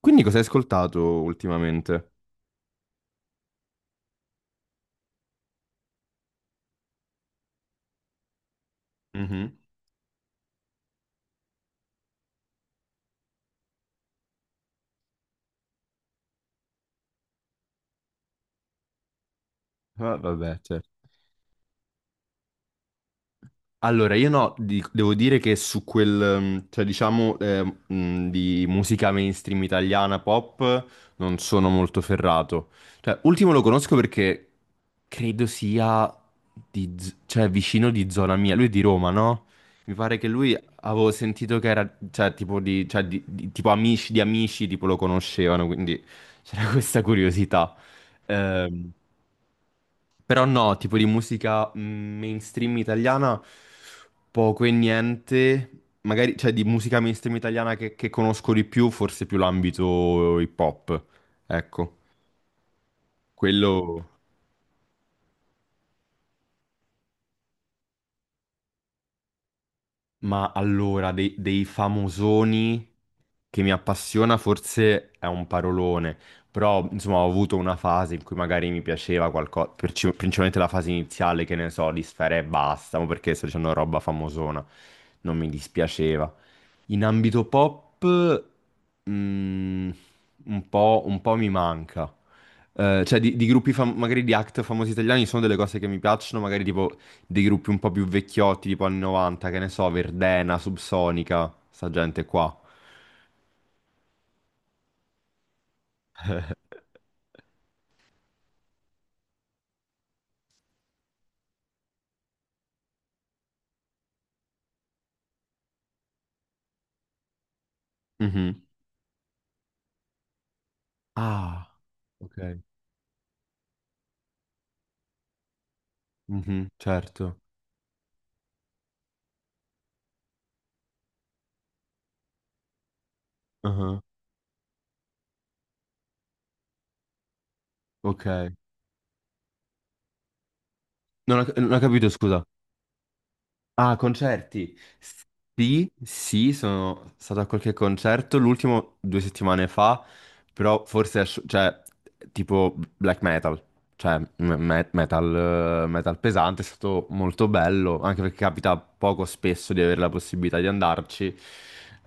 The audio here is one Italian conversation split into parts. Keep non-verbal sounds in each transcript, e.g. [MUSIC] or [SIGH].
Quindi cosa hai ascoltato ultimamente? Mhm. Ah, vabbè, certo. Allora, io no, devo dire che su quel, di musica mainstream italiana pop non sono molto ferrato. Cioè, ultimo lo conosco perché credo sia di, cioè, vicino di zona mia. Lui è di Roma, no? Mi pare che lui avevo sentito che era, cioè, tipo di, cioè, tipo amici di amici, tipo lo conoscevano, quindi c'era [LAUGHS] questa curiosità. Ehm, Però no, tipo di musica mainstream italiana poco e niente. Magari, cioè, di musica mainstream italiana che conosco di più, forse più l'ambito hip hop. Ecco, quello... Ma allora, dei famosoni che mi appassiona forse è un parolone. Però, insomma, ho avuto una fase in cui magari mi piaceva qualcosa, principalmente la fase iniziale, che ne so, di Sfera e basta, ma perché sto dicendo roba famosona, non mi dispiaceva. In ambito pop, mm, un po' mi manca. Cioè, di gruppi, magari di act famosi italiani, sono delle cose che mi piacciono, magari tipo dei gruppi un po' più vecchiotti, tipo anni 90, che ne so, Verdena, Subsonica, sta gente qua. Mhm. Ah, ok. Mhm, certo. Ah, ok. Non ho capito, scusa. Ah, concerti. Sì, sì, sono stato a qualche concerto, l'ultimo due settimane fa, però forse, cioè, tipo black metal, cioè m- metal, metal pesante, è stato molto bello, anche perché capita poco spesso di avere la possibilità di andarci.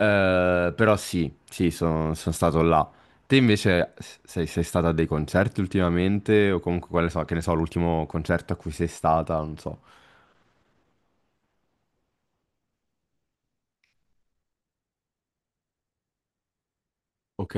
Però sì, sì, sono stato là. Te invece sei stata a dei concerti ultimamente, o comunque, quale so, che ne so, l'ultimo concerto a cui sei stata, non so. Ok.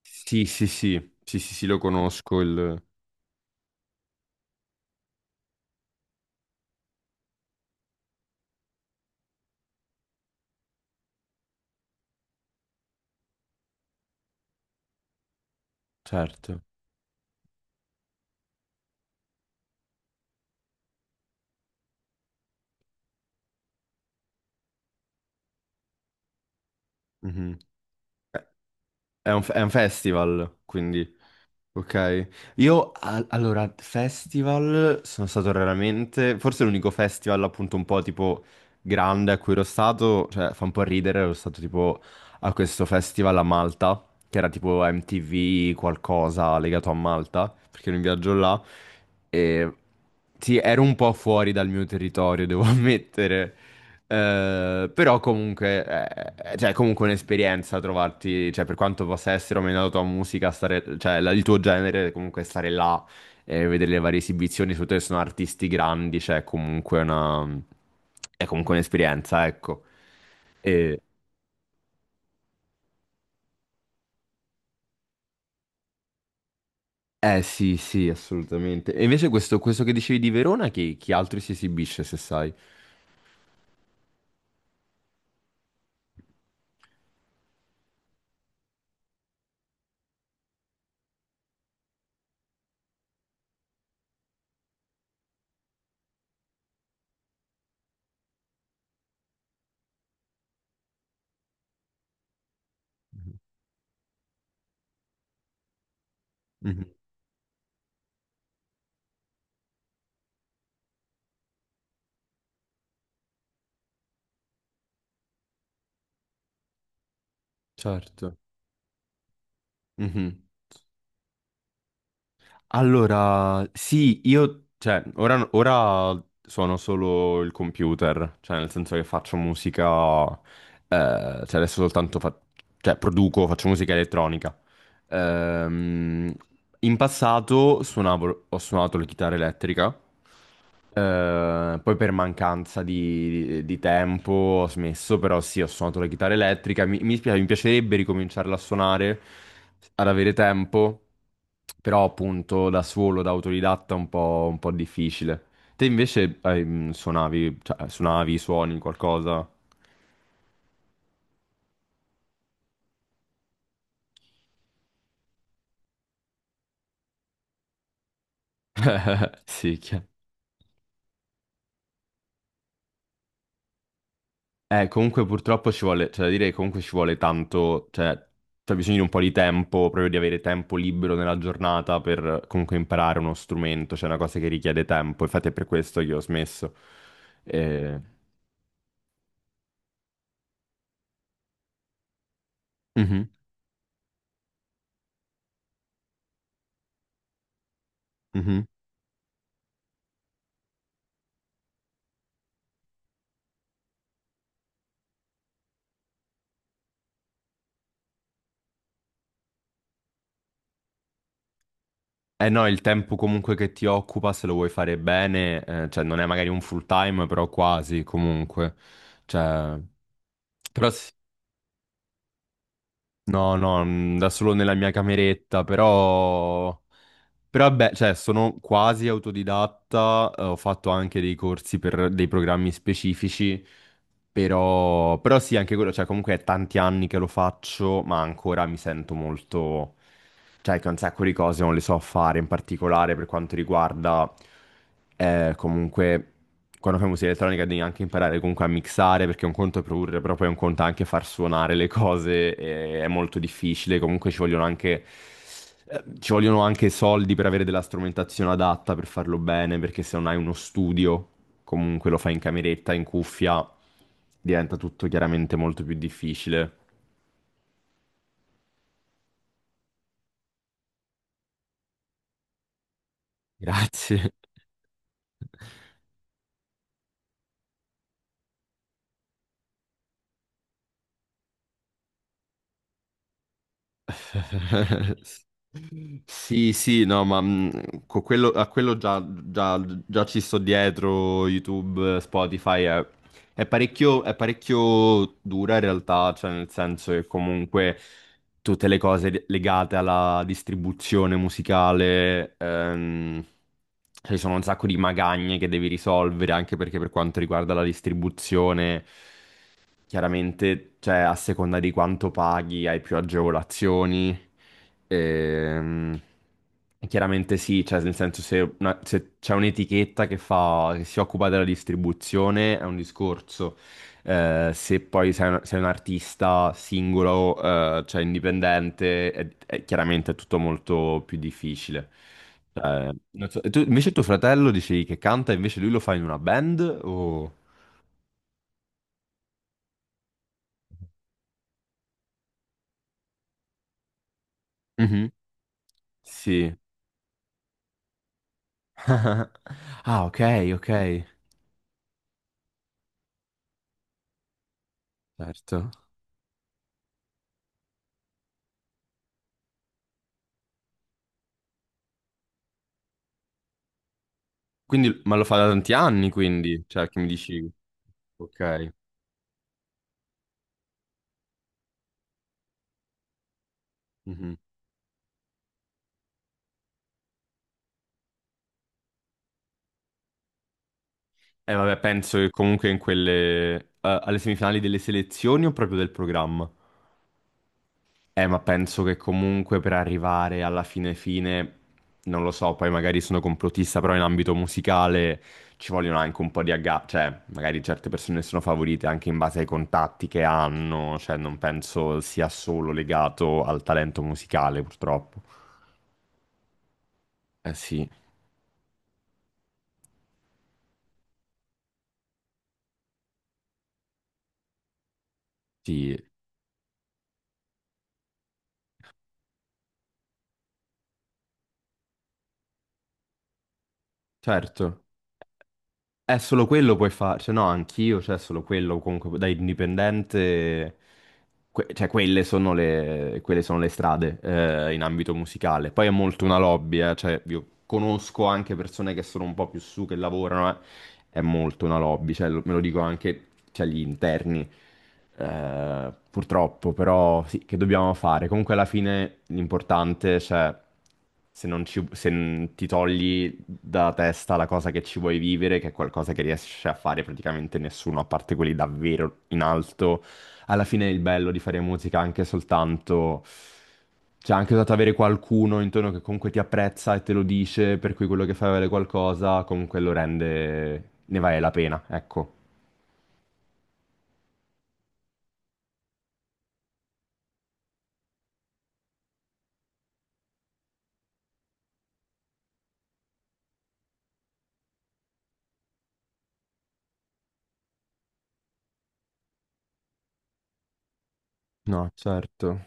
Sì, sì, sì, sì, sì, sì, lo conosco, il... certo. Mhm. È è un festival, quindi, ok. Io, allora, festival sono stato raramente, forse l'unico festival appunto un po' tipo grande a cui ero stato, cioè fa un po' ridere, ero stato tipo a questo festival a Malta, che era tipo MTV qualcosa legato a Malta, perché ero in viaggio là, e sì, ero un po' fuori dal mio territorio, devo [LAUGHS] ammettere. Però comunque, cioè, è comunque un'esperienza trovarti, cioè, per quanto possa essere o meno la tua musica, stare, cioè, il tuo genere, comunque stare là e vedere le varie esibizioni, soprattutto se sono artisti grandi, è comunque un'esperienza, ecco. E- eh sì, sì, assolutamente. E invece questo che dicevi di Verona, chi, chi altro si esibisce, se sai? Mhm, certo. Mhm. Allora, sì, io, cioè, ora suono solo il computer, cioè nel senso che faccio musica, eh, cioè adesso soltanto fa- cioè, produco, faccio musica elettronica. Ehm, In passato suonavo, ho suonato la chitarra elettrica, poi per mancanza di tempo ho smesso, però sì, ho suonato la chitarra elettrica. Mi piacerebbe ricominciarla a suonare, ad avere tempo, però appunto da solo, da autodidatta, è un po' difficile. Te invece suonavi, suoni qualcosa? [LAUGHS] Sì, chiaro. Comunque purtroppo ci vuole, cioè da dire che comunque ci vuole tanto, cioè c'è bisogno di un po' di tempo, proprio di avere tempo libero nella giornata per comunque imparare uno strumento, cioè è una cosa che richiede tempo, infatti è per questo che ho smesso. Eh, mhm, mhm. Eh no, il tempo comunque che ti occupa, se lo vuoi fare bene, cioè non è magari un full time, però quasi comunque. Cioè, però sì, no, no, da solo nella mia cameretta, però... Però vabbè, cioè, sono quasi autodidatta, ho fatto anche dei corsi per dei programmi specifici però, però sì, anche quello, cioè comunque è tanti anni che lo faccio, ma ancora mi sento molto... Cioè che un sacco di cose non le so fare, in particolare per quanto riguarda comunque quando fai musica elettronica devi anche imparare comunque a mixare, perché un conto è produrre, però poi un conto è anche far suonare le cose, e è molto difficile, comunque ci vogliono anche... ci vogliono anche soldi per avere della strumentazione adatta per farlo bene, perché se non hai uno studio comunque lo fai in cameretta, in cuffia, diventa tutto chiaramente molto più difficile. Grazie. [LAUGHS] Sì, sì, no, ma a quello già, già ci sto dietro, YouTube, Spotify, è parecchio dura in realtà, cioè nel senso che comunque tutte le cose legate alla distribuzione musicale, ci sono un sacco di magagne che devi risolvere, anche perché per quanto riguarda la distribuzione... Chiaramente, cioè, a seconda di quanto paghi, hai più agevolazioni. Ehm, chiaramente sì, cioè, nel senso se, se c'è un'etichetta che fa, che si occupa della distribuzione è un discorso. Se poi sei un artista singolo, cioè indipendente, chiaramente è tutto molto più difficile. Cioè, non so- e tu- invece tuo fratello dicevi che canta, invece lui lo fa in una band o... Mhm. Sì. [LAUGHS] Ah, ok, certo. Quindi, ma lo fa da tanti anni, quindi, cioè, che mi dici, ok. Mhm. E vabbè, penso che comunque in quelle, alle semifinali delle selezioni o proprio del programma? Ma penso che comunque per arrivare alla fine fine, non lo so, poi magari sono complottista, però in ambito musicale ci vogliono anche un po' di agga, cioè magari certe persone sono favorite anche in base ai contatti che hanno, cioè non penso sia solo legato al talento musicale, purtroppo. Eh sì, sì, certo. È solo quello puoi fare, cioè no, anch'io, cioè solo quello comunque da indipendente, cioè quelle sono quelle sono le strade in ambito musicale. Poi è molto una lobby, cioè io conosco anche persone che sono un po' più su, che lavorano, è molto una lobby, cioè, me lo dico anche cioè, gli interni, purtroppo, però sì, che dobbiamo fare? Comunque alla fine l'importante, cioè, se non ci- se n- ti togli da testa la cosa che ci vuoi vivere, che è qualcosa che riesce a fare praticamente nessuno, a parte quelli davvero in alto, alla fine è il bello di fare musica anche soltanto... Cioè, anche soltanto avere qualcuno intorno che comunque ti apprezza e te lo dice, per cui quello che fai vale qualcosa, comunque lo rende... ne vale la pena, ecco. No, certo.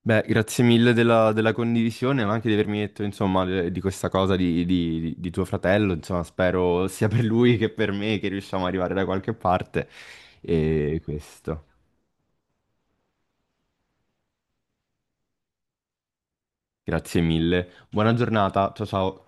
Beh, grazie mille della condivisione, ma anche di avermi detto, insomma, di questa cosa di, di tuo fratello. Insomma, spero sia per lui che per me che riusciamo ad arrivare da qualche parte. E questo. Grazie mille. Buona giornata. Ciao ciao.